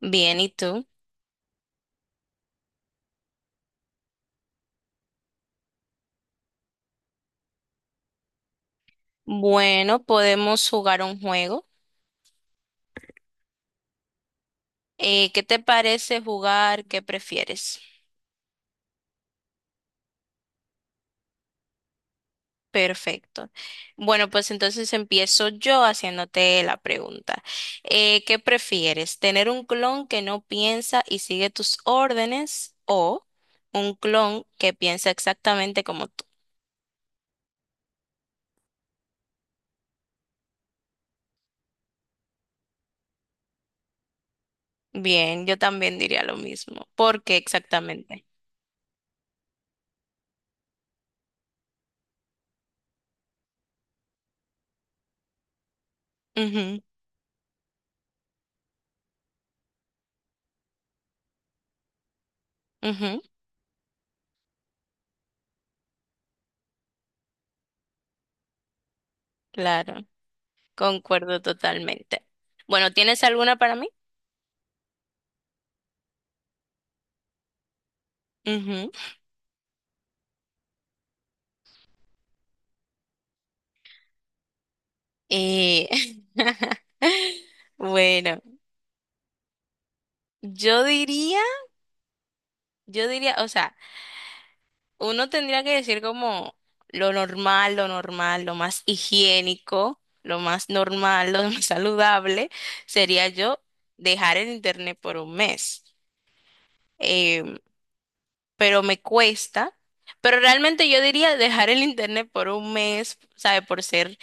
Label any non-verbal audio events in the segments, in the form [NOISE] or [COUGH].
Bien, ¿y tú? Bueno, podemos jugar un juego. ¿Qué te parece jugar? ¿Qué prefieres? Perfecto. Bueno, pues entonces empiezo yo haciéndote la pregunta. ¿Qué prefieres? ¿Tener un clon que no piensa y sigue tus órdenes o un clon que piensa exactamente como tú? Bien, yo también diría lo mismo. ¿Por qué exactamente? Ujú, ujú, claro, concuerdo totalmente. Bueno, ¿tienes alguna para mí? Ujú. Eh, [LAUGHS] bueno, yo diría, yo diría, o sea, uno tendría que decir como lo normal, lo normal, lo más higiénico, lo más normal, [LAUGHS] lo más saludable, sería yo dejar el internet por un mes. Em, pero me cuesta, pero realmente yo diría dejar el internet por un mes, ¿sabe? Por ser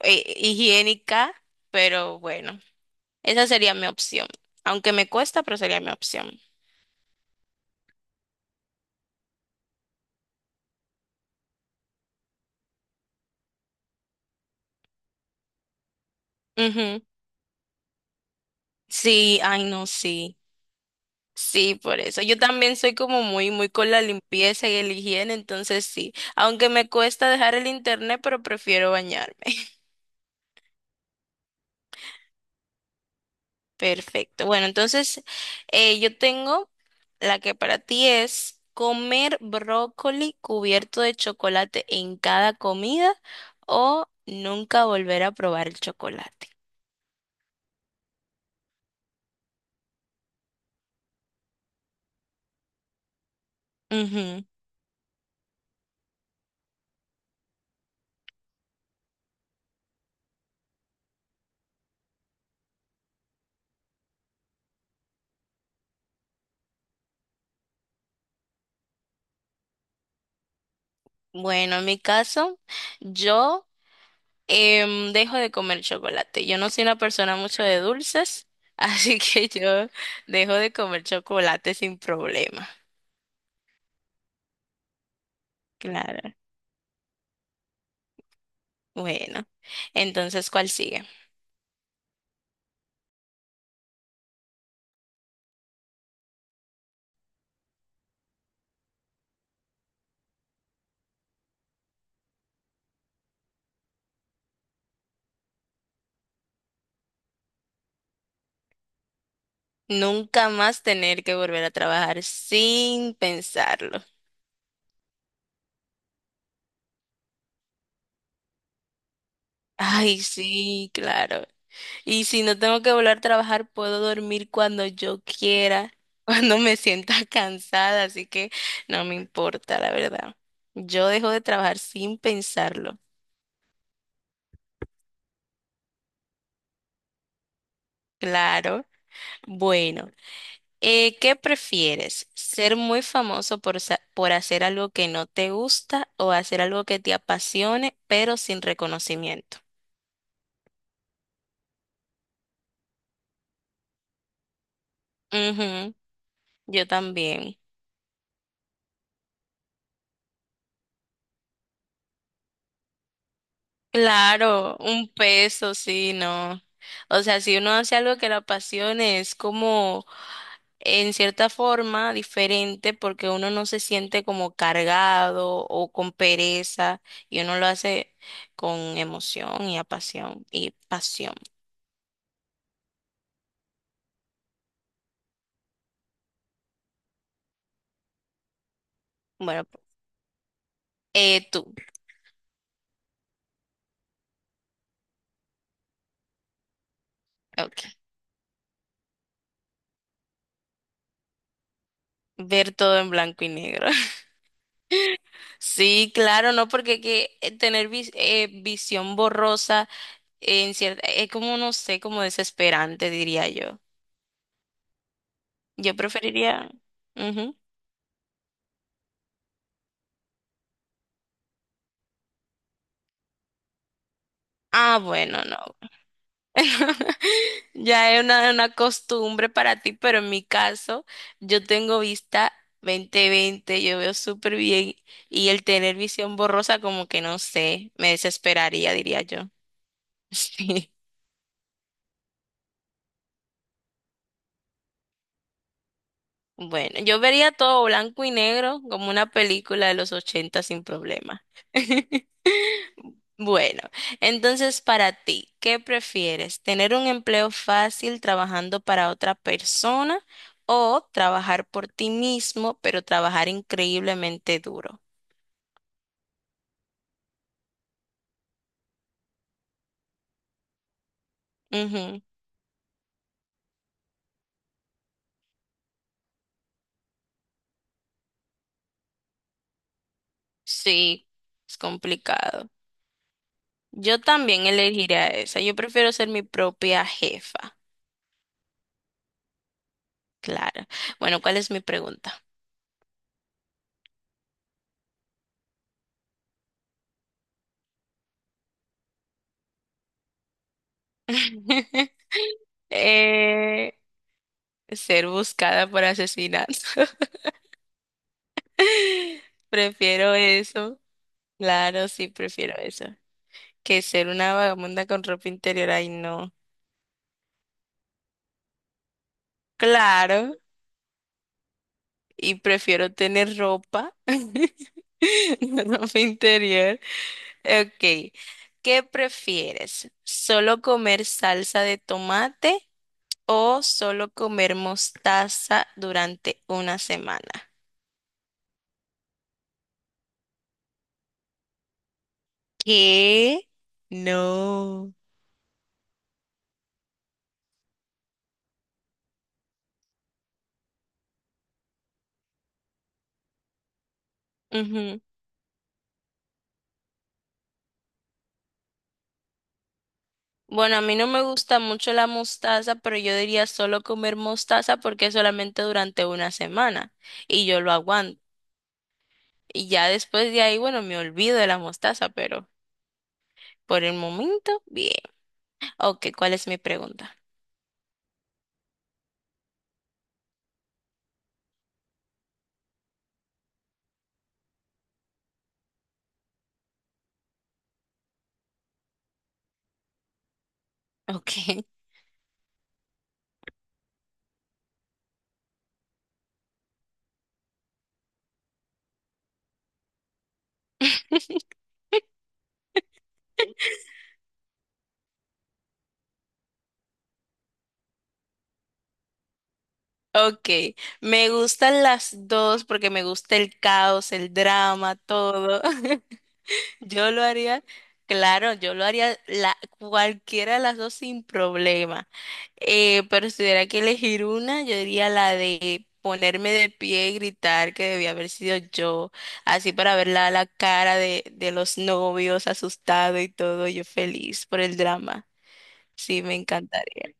higiénica, pero bueno. Esa sería mi opción. Aunque me cuesta, pero sería mi opción. Ujú. Sí, ay, no, sí. Sí, por eso. Yo también soy como muy, muy con la limpieza y el higiene, entonces sí. Aunque me cuesta dejar el internet, pero prefiero bañarme. [LAUGHS] Perfecto. Bueno, entonces yo tengo la que para ti es comer brócoli cubierto de chocolate en cada comida o nunca volver a probar el chocolate. Bueno, en mi caso, yo dejo de comer chocolate. Yo no soy una persona mucho de dulces, [LAUGHS] así que yo dejo de comer chocolate sin problema. Claro. Bueno, entonces, ¿cuál sigue? Nunca más tener que volver a trabajar sin pensarlo. Ay, sí, claro. Y si no tengo que volver a trabajar, puedo dormir cuando yo quiera, [LAUGHS] cuando me sienta [LAUGHS] cansada, así que no me importa, la verdad. Yo dejo de trabajar sin pensarlo. Claro. Bueno, ¿qué prefieres? ¿Ser muy famoso por hacer algo que no te gusta o hacer algo que te apasione, pero sin reconocimiento? Ujú, yo también. Claro, un peso, sí, no. O sea, si uno hace algo que le apasione, es como en cierta forma diferente porque uno no se siente como cargado o con pereza y uno lo hace con emoción y apasión y pasión. Bueno, tú, okay. Ver todo en blanco y negro. [LAUGHS] Sí, claro, no porque que visión borrosa en cierta, es como no sé, como desesperante, diría yo. Yo preferiría... Ujú. Ah, bueno, no. [LAUGHS] Ya es una costumbre para ti, pero en mi caso, yo tengo vista 20/20. Yo veo súper bien y el tener visión borrosa como que no sé, me desesperaría, diría yo. [LAUGHS] Sí. Bueno, yo vería todo blanco y negro como una película de los 80 sin problema. [LAUGHS] Bueno, entonces para ti, ¿qué prefieres? ¿Tener un empleo fácil trabajando para otra persona o trabajar por ti mismo, pero trabajar increíblemente duro? Ujú. Sí, es complicado. Yo también elegiría esa. Yo prefiero ser mi propia jefa. Claro. Bueno, ¿cuál es mi pregunta? [LAUGHS] Eh, Ser buscada por asesinato. [LAUGHS] Prefiero eso. Claro, sí, prefiero eso. Que ser una vagabunda con ropa interior. Ay, no. Claro, y prefiero tener ropa, [LAUGHS] no ropa interior. Ok, ¿qué prefieres? ¿Solo comer salsa de tomate o solo comer mostaza durante una semana? ¿Qué? No. Ujú. Bueno, a mí no me gusta mucho la mostaza, pero yo diría solo comer mostaza porque es solamente durante una semana y yo lo aguanto. Y ya después de ahí, bueno, me olvido de la mostaza, pero por el momento, bien. Ok, ¿cuál es mi pregunta? Ok, [LAUGHS] ok. Me gustan las dos porque me gusta el caos, el drama, todo. [LAUGHS] Yo lo haría, claro, yo lo haría cualquiera de las dos sin problema. Pero si tuviera que elegir una, yo diría la de ponerme de pie y gritar que debía haber sido yo, así para ver la cara de los novios asustado y todo, yo feliz por el drama. Sí, me encantaría.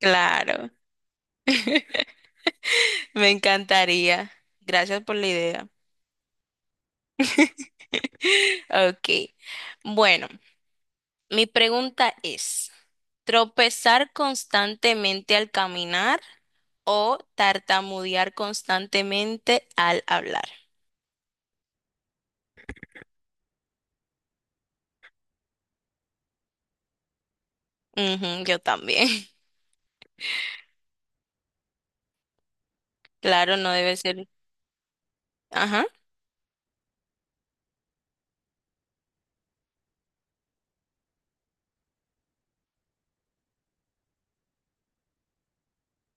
Claro, me encantaría. Gracias por la idea. [LAUGHS] Ok, bueno, mi pregunta es, ¿tropezar constantemente al caminar o tartamudear constantemente al hablar? Ujú, yo también. [LAUGHS] Claro, no debe ser. Ajá,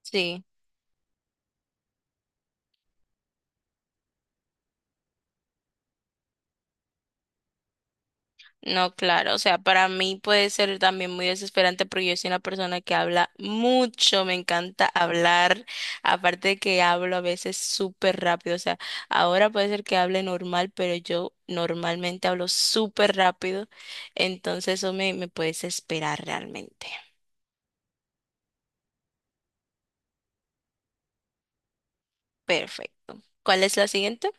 sí. No, claro. O sea, para mí puede ser también muy desesperante porque yo soy una persona que habla mucho, me encanta hablar. Aparte de que hablo a veces súper rápido. O sea, ahora puede ser que hable normal, pero yo normalmente hablo súper rápido. Entonces eso me puede desesperar realmente. Perfecto. ¿Cuál es la siguiente?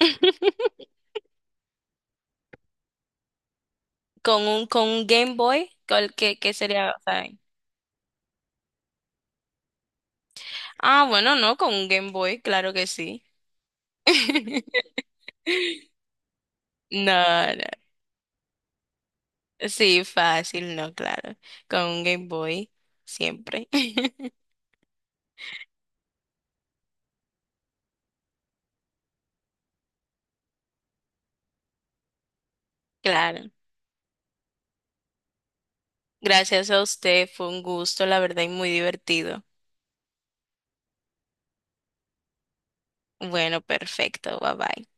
[LAUGHS] Con un Game Boy, ¿ qué sería? Ah, bueno, no, con un Game Boy, claro que sí. [LAUGHS] No, no, sí, fácil, no, claro. Con un Game Boy, siempre. [LAUGHS] Claro. Gracias a usted, fue un gusto, la verdad, y muy divertido. Bueno, perfecto, bye bye.